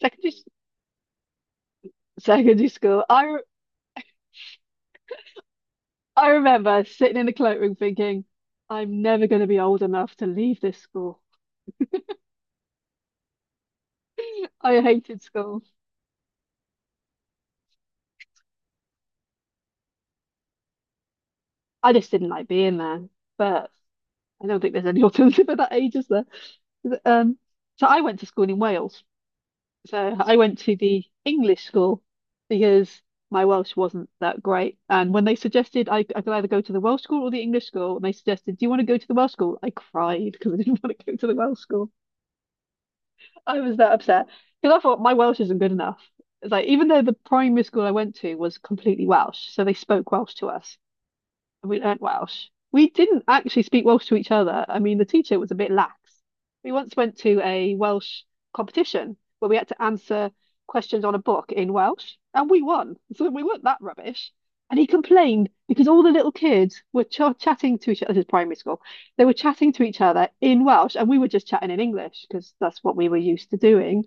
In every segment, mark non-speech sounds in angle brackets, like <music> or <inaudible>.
Secondary, secondary school. I remember sitting in the cloakroom thinking, I'm never going to be old enough to leave this school. I hated school. I just didn't like being there. But I don't think there's any <laughs> alternative at that age, is there? Um, so I went to school in Wales. So I went to the English school because my Welsh wasn't that great. And when they suggested I could either go to the Welsh school or the English school, and they suggested, "Do you want to go to the Welsh school?" I cried because I didn't <laughs> want to go to the Welsh school. I was that upset because I thought my Welsh isn't good enough. It's like even though the primary school I went to was completely Welsh, so they spoke Welsh to us. We learned Welsh. We didn't actually speak Welsh to each other. I mean, the teacher was a bit lax. We once went to a Welsh competition where we had to answer questions on a book in Welsh, and we won. So we weren't that rubbish. And he complained because all the little kids were ch chatting to each other. This is primary school. They were chatting to each other in Welsh, and we were just chatting in English because that's what we were used to doing.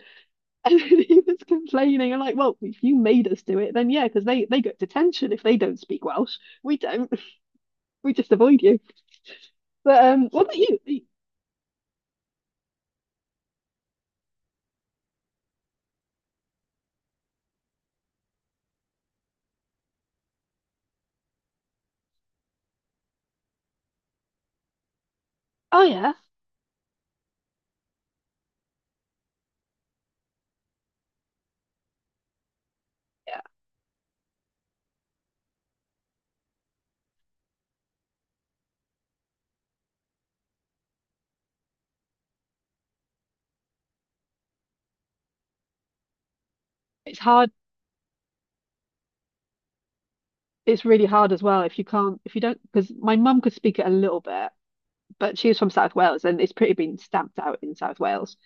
And <laughs> he was complaining. I'm like, well, if you made us do it, then yeah, because they get detention if they don't speak Welsh. We don't. We just avoid you. But what about you? Oh yeah, yeah. It's hard. It's really hard as well if you can't, if you don't, because my mum could speak it a little bit, but she was from South Wales and it's pretty been stamped out in South Wales.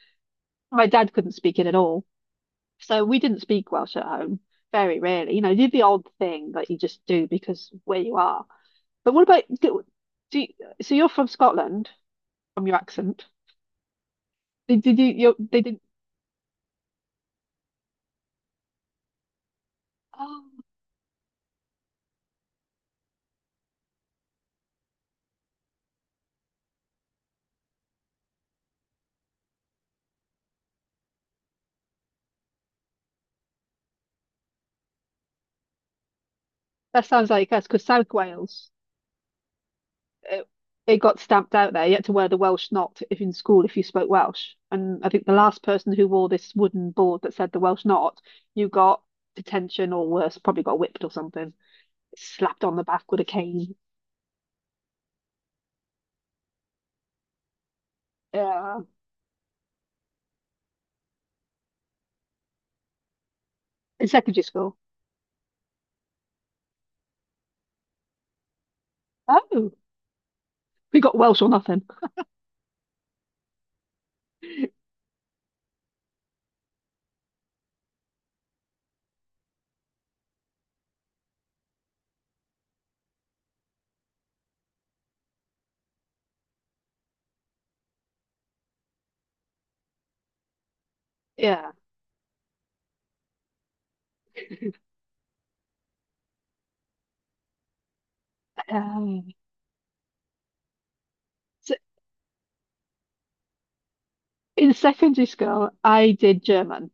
My dad couldn't speak it at all, so we didn't speak Welsh at home very rarely. You know, you did the odd thing that you just do because where you are. But what about do, do you, so you're from Scotland from your accent? Did you you they didn't? Oh, that sounds like us because South Wales. it, it got stamped out there. You had to wear the Welsh knot if in school if you spoke Welsh. And I think the last person who wore this wooden board that said the Welsh knot, you got detention or worse, probably got whipped or something, slapped on the back with a cane. Yeah, in secondary school. Oh, we got Welsh or nothing. <laughs> Yeah. Um, so in secondary school, I did German,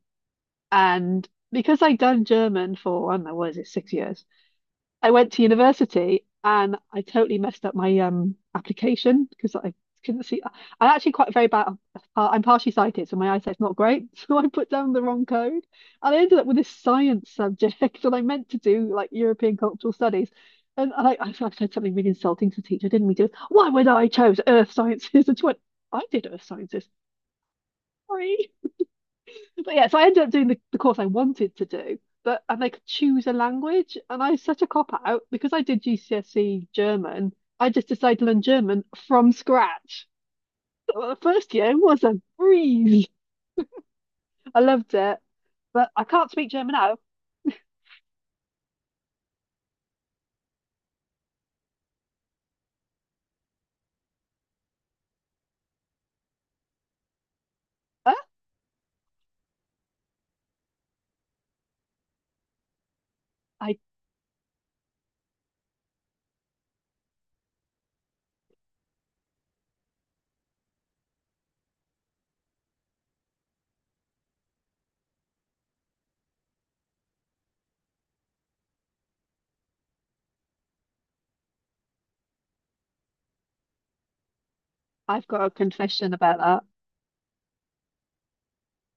and because I'd done German for I don't know what is it, 6 years, I went to university and I totally messed up my application because I couldn't see. I'm actually quite very bad. I'm partially sighted, so my eyesight's not great. <laughs> So I put down the wrong code, and I ended up with this science subject <laughs> that I meant to do like European cultural studies. And I said something really insulting to the teacher, didn't we? Do why would I chose earth sciences? <laughs> And she went, I did earth sciences. Sorry. But yeah, so I ended up doing the course I wanted to do, but and I could choose a language, and I was such a cop out because I did GCSE German. I just decided to learn German from scratch. Well, the first year was a breeze. I loved it, but I can't speak German now. Huh? I I've got a confession about that.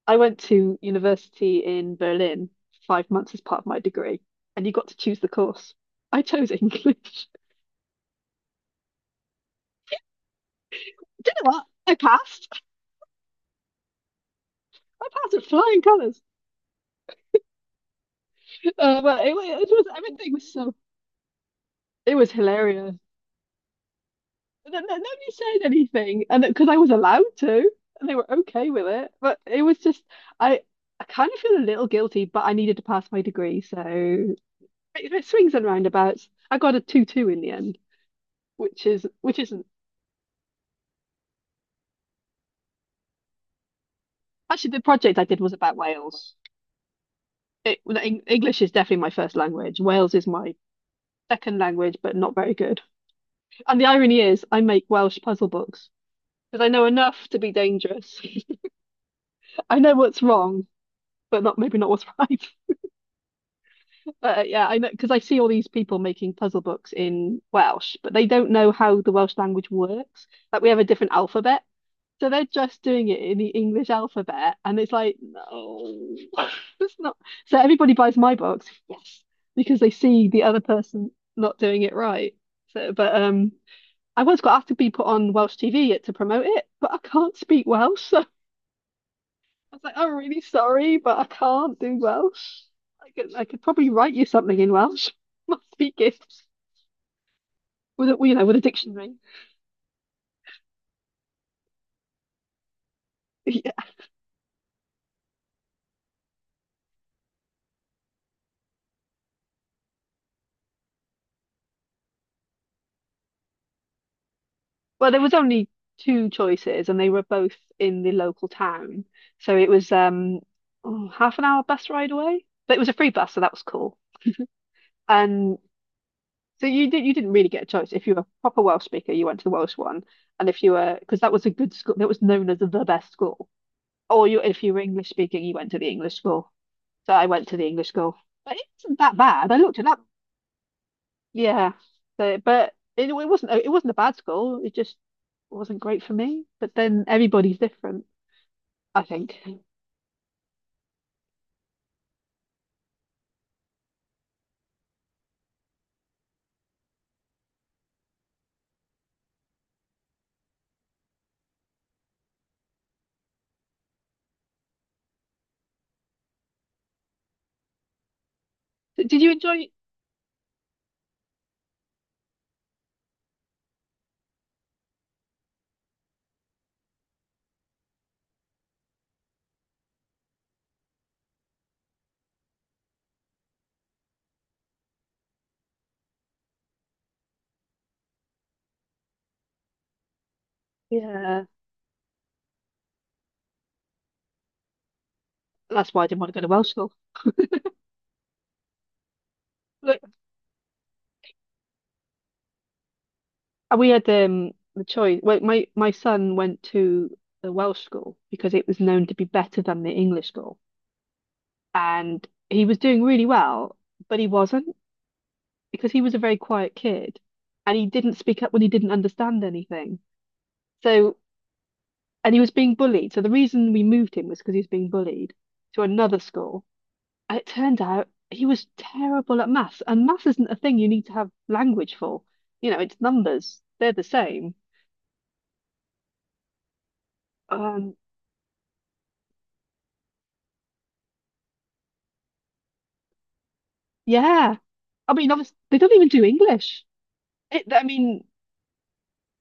I went to university in Berlin for 5 months as part of my degree, and you got to choose the course. I chose English. <laughs> Do you know what? I passed. I passed with flying colours. Oh, well, it was everything was so it was hilarious. And then nobody said anything, and because I was allowed to, and they were okay with it. But it was just I I kind of feel a little guilty, but I needed to pass my degree, so it swings and roundabouts. I got a two two in the end, which is which isn't actually the project I did was about Wales. It, well, English is definitely my first language. Wales is my second language, but not very good. And the irony is, I make Welsh puzzle books because I know enough to be dangerous. <laughs> I know what's wrong, but not maybe not what's <laughs> right. But yeah, I know because I see all these people making puzzle books in Welsh, but they don't know how the Welsh language works. Like we have a different alphabet, so they're just doing it in the English alphabet, and it's like, no, <laughs> it's not. So everybody buys my books, yes, because they see the other person not doing it right. So, but I once got asked to be put on Welsh TV to promote it, but I can't speak Welsh. I was like, I'm really sorry, but I can't do Welsh. I could probably write you something in Welsh. <laughs> Must be gifts with a, you know, with a dictionary. <laughs> Yeah. Well, there was only two choices, and they were both in the local town. So it was oh, half an hour bus ride away, but it was a free bus, so that was cool. And so you didn't really get a choice. If you were a proper Welsh speaker, you went to the Welsh one, and if you were, because that was a good school, that was known as the best school. Or you, if you were English speaking, you went to the English school. So I went to the English school. But it wasn't that bad. I looked it up. Yeah. So, but it wasn't it wasn't a bad school. It just wasn't great for me. But then everybody's different, I think. Did you enjoy? Yeah. That's why I didn't want to go to Welsh school. Look, we had the choice. Well, my son went to the Welsh school because it was known to be better than the English school, and he was doing really well, but he wasn't because he was a very quiet kid, and he didn't speak up when he didn't understand anything. So, and he was being bullied. So the reason we moved him was because he was being bullied to another school. And it turned out he was terrible at maths, and maths isn't a thing you need to have language for. You know, it's numbers. They're the same. Um, yeah. I mean, obviously, they don't even do English. It, I mean,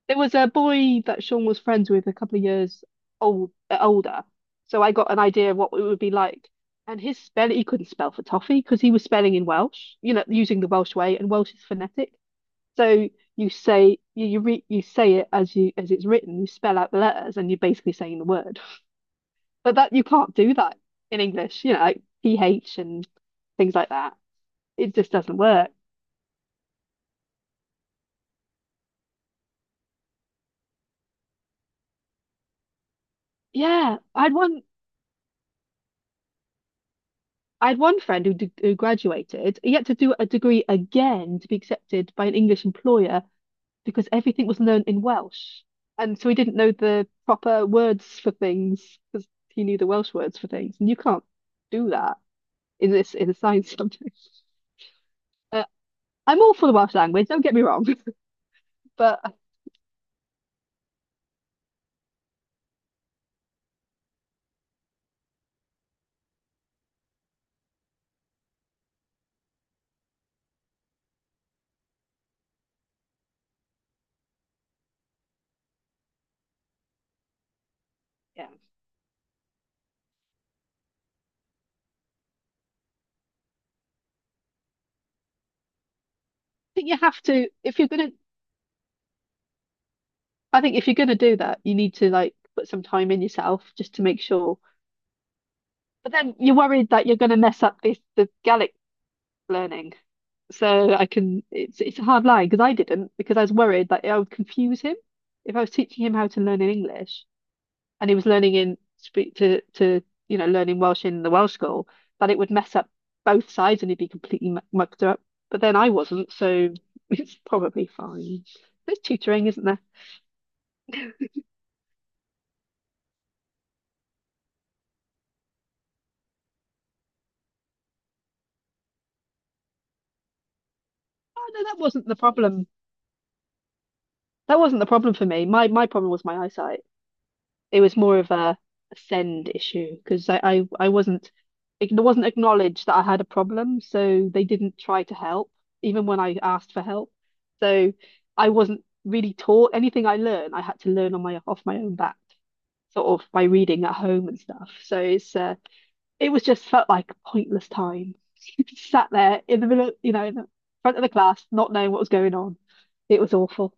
there was a boy that Sean was friends with a couple of years old, older. So I got an idea of what it would be like. And his spell, he couldn't spell for toffee because he was spelling in Welsh, you know, using the Welsh way, and Welsh is phonetic. So you say it as you as it's written. You spell out the letters, and you're basically saying the word. But that you can't do that in English. You know, like PH and things like that. It just doesn't work. Yeah, I had one. I had one friend who graduated. He had to do a degree again to be accepted by an English employer because everything was learned in Welsh, and so he didn't know the proper words for things because he knew the Welsh words for things, and you can't do that in this in a science <laughs> subject. Uh, I'm all for the Welsh language, don't get me wrong, <laughs> but I yeah. I think you have to, if you're gonna, I think if you're gonna do that, you need to like put some time in yourself just to make sure. But then you're worried that you're gonna mess up this the Gaelic learning. So I can, it's a hard line because I didn't because I was worried that I would confuse him if I was teaching him how to learn in English, and he was learning in speak to you know learning Welsh in the Welsh school that it would mess up both sides and he'd be completely mucked up. But then I wasn't, so <laughs> it's probably fine. There's tutoring, isn't there? Oh no, that wasn't the problem. That wasn't the problem for me. My problem was my eyesight. It was more of a send issue because I wasn't it wasn't acknowledged that I had a problem, so they didn't try to help even when I asked for help. So I wasn't really taught anything I learned. I had to learn on my own back, sort of by reading at home and stuff. So it's it was just felt like a pointless time. <laughs> Sat there in the middle, you know, in the front of the class, not knowing what was going on. It was awful.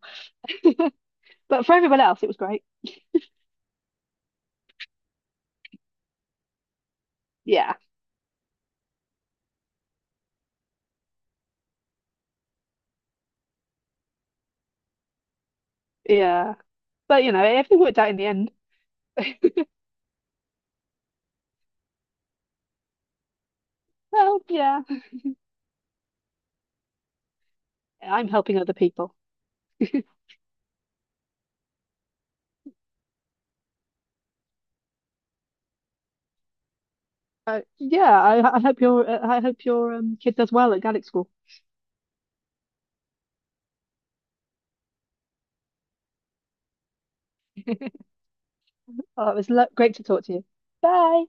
But for everyone else, it was great. Yeah, yeah. But you know, everything worked out in the end. Well, yeah, I'm helping other people. I hope your kid does well at Gaelic school. Oh, it was great to talk to you. Bye.